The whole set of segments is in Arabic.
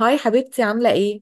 هاي حبيبتي، عاملة ايه؟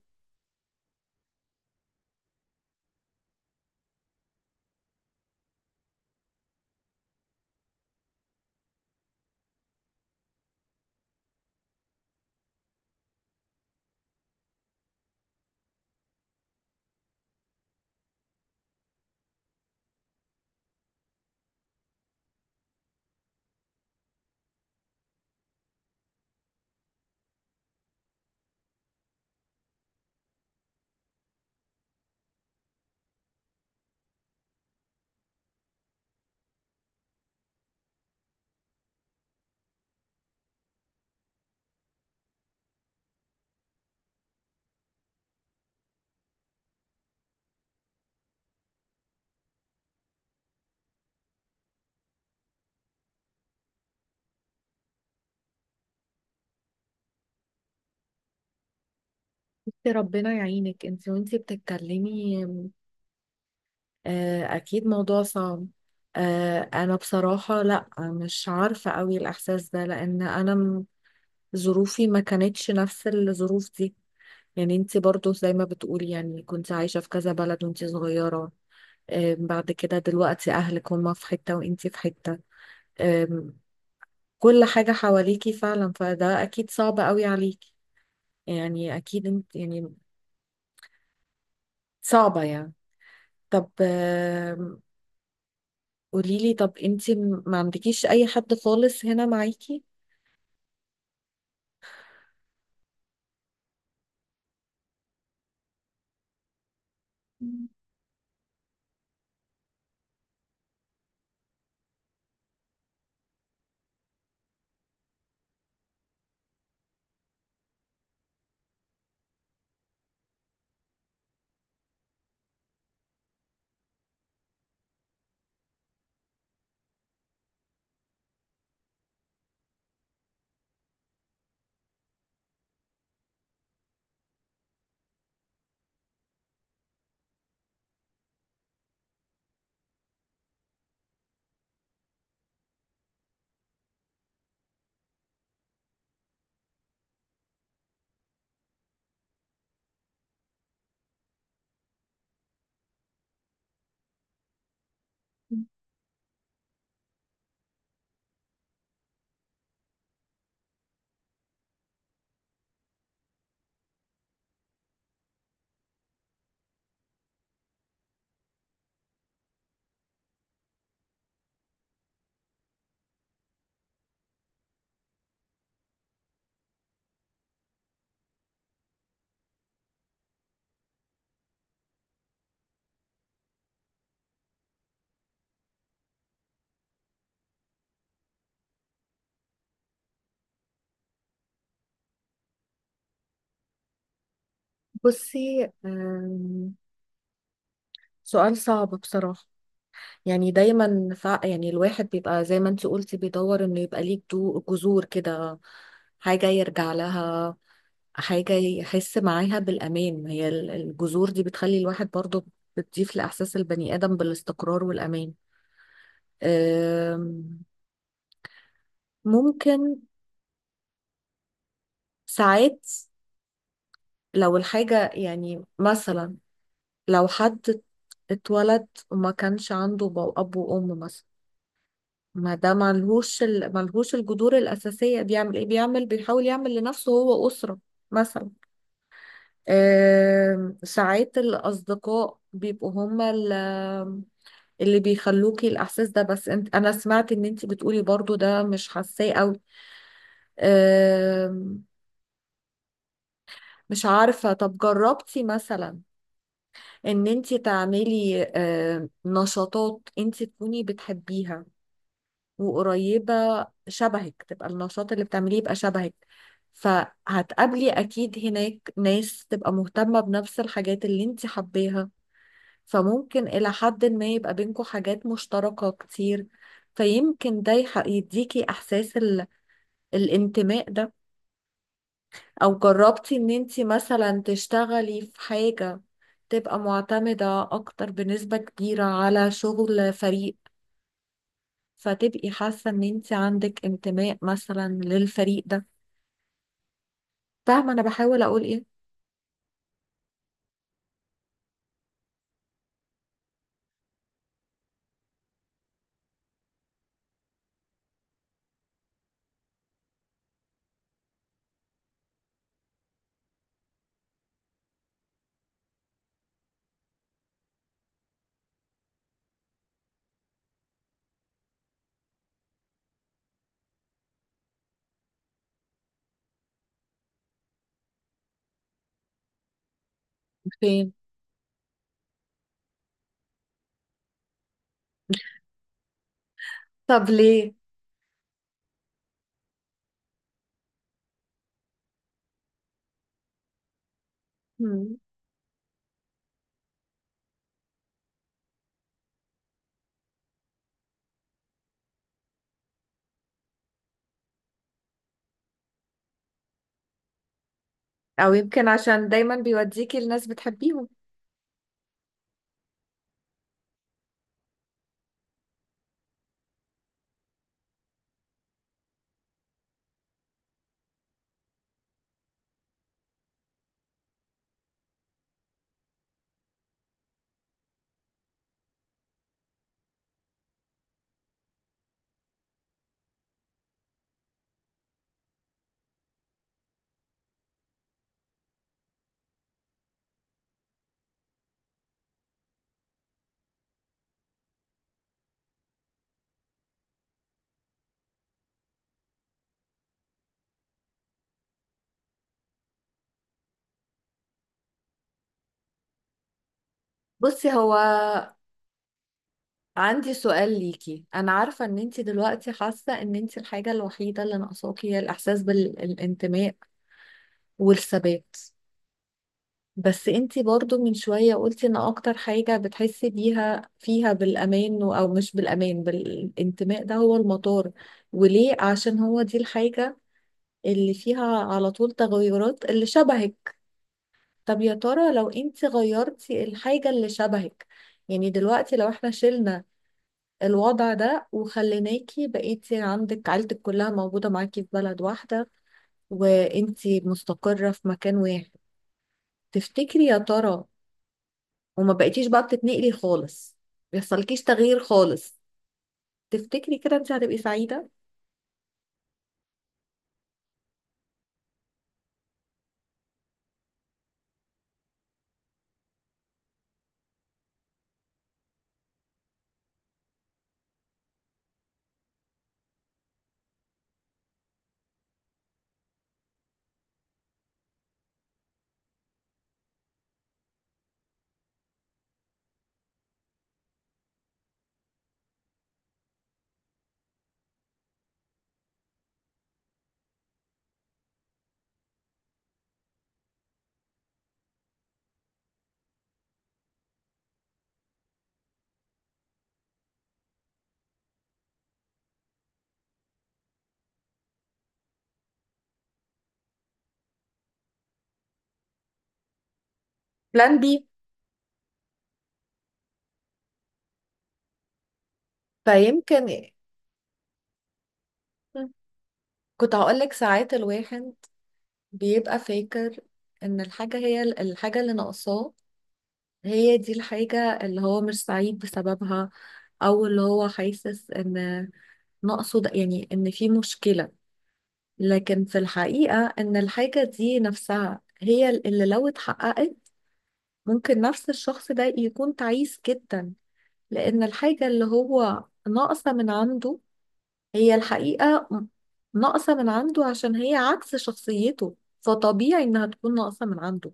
بصي ربنا يعينك انتي وانتي بتتكلمي. اكيد موضوع صعب. انا بصراحة لا مش عارفة قوي الاحساس ده لان ظروفي ما كانتش نفس الظروف دي. يعني انتي برضو زي ما بتقولي، يعني كنت عايشة في كذا بلد وانتي صغيرة. بعد كده دلوقتي اهلك هما في حتة وانتي في حتة، آه، كل حاجة حواليكي فعلا، فده اكيد صعب قوي عليكي. يعني اكيد انت يعني صعبة يعني. طب قوليلي، طب انتي ما عندكيش اي حد خالص هنا معاكي؟ بصي، سؤال صعب بصراحة. يعني دايما يعني الواحد بيبقى زي ما انتي قلتي بيدور انه يبقى ليه جذور كده، حاجة يرجع لها، حاجة يحس معاها بالأمان. هي الجذور دي بتخلي الواحد برضه، بتضيف لإحساس البني آدم بالاستقرار والأمان. أم، ممكن ساعات لو الحاجة يعني مثلا، لو حد اتولد وما كانش عنده أب وأم مثلا، ما ده ملهوش ملهوش الجذور الأساسية، بيعمل إيه؟ بيعمل، بيحاول يعمل لنفسه هو أسرة مثلا. ساعات الأصدقاء بيبقوا هما اللي بيخلوكي الإحساس ده، بس انت، أنا سمعت إن أنت بتقولي برضو ده مش حاساه أوي. آم، مش عارفة، طب جربتي مثلا ان انت تعملي نشاطات انت تكوني بتحبيها وقريبة شبهك، تبقى النشاط اللي بتعمليه يبقى شبهك، فهتقابلي اكيد هناك ناس تبقى مهتمة بنفس الحاجات اللي انت حباها، فممكن الى حد ما يبقى بينكم حاجات مشتركة كتير. فيمكن ده يديكي احساس الانتماء ده. او جربتي ان انت مثلا تشتغلي في حاجة تبقى معتمدة أكتر بنسبة كبيرة على شغل فريق، فتبقي حاسة إن أنت عندك انتماء مثلا للفريق ده. فاهمة أنا بحاول أقول إيه؟ فين؟ طب ليه؟ مم. أو يمكن عشان دايما بيوديكي لناس بتحبيهم. بصي هو عندي سؤال ليكي، أنا عارفة إن أنت دلوقتي حاسة إن أنت الحاجة الوحيدة اللي ناقصاكي هي الإحساس بالانتماء والثبات، بس انتي برضو من شوية قلتي ان اكتر حاجة بتحسي بيها فيها بالامان او مش بالامان، بالانتماء ده هو المطار، وليه؟ عشان هو دي الحاجة اللي فيها على طول تغيرات اللي شبهك. طب يا ترى لو انتي غيرتي الحاجة اللي شبهك، يعني دلوقتي لو احنا شلنا الوضع ده وخليناكي بقيتي عندك عيلتك كلها موجودة معاكي في بلد واحدة، وانتي مستقرة في مكان واحد، تفتكري يا ترى، وما بقيتيش بقى بتتنقلي خالص، بيحصلكيش تغيير خالص، تفتكري كده انت هتبقي سعيدة؟ بلان بي؟ فيمكن، كنت هقولك ساعات الواحد بيبقى فاكر ان الحاجة هي الحاجة اللي ناقصاه، هي دي الحاجة اللي هو مش سعيد بسببها، او اللي هو حاسس ان ناقصه، ده يعني ان في مشكلة. لكن في الحقيقة ان الحاجة دي نفسها هي اللي لو اتحققت ممكن نفس الشخص ده يكون تعيس جدا، لأن الحاجة اللي هو ناقصة من عنده هي الحقيقة ناقصة من عنده عشان هي عكس شخصيته، فطبيعي إنها تكون ناقصة من عنده.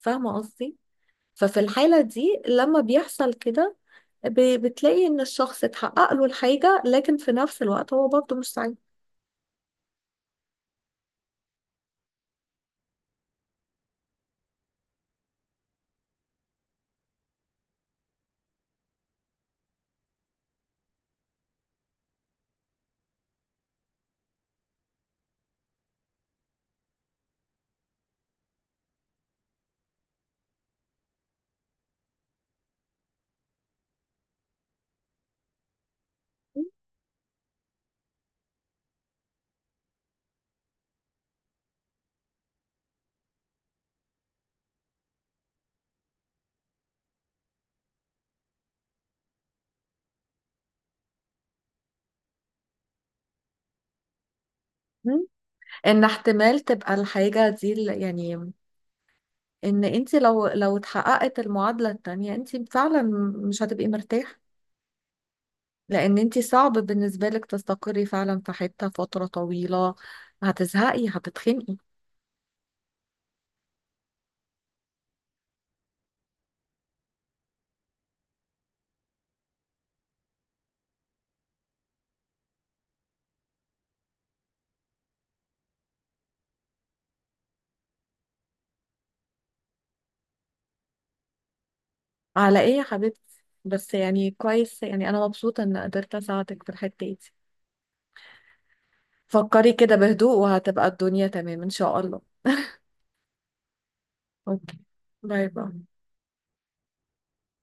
فاهمة قصدي؟ ففي الحالة دي لما بيحصل كده، بتلاقي إن الشخص اتحقق له الحاجة لكن في نفس الوقت هو برضه مش سعيد. مم. ان احتمال تبقى الحاجة دي يعني ان انت لو اتحققت المعادلة التانية انت فعلا مش هتبقي مرتاحة، لان انت صعب بالنسبة لك تستقري فعلا في حتة فترة طويلة، هتزهقي، هتتخنقي. على ايه يا حبيبتي؟ بس يعني كويس، يعني انا مبسوطة ان قدرت اساعدك في الحتة دي. فكري كده بهدوء وهتبقى الدنيا تمام ان شاء الله. اوكي، باي باي.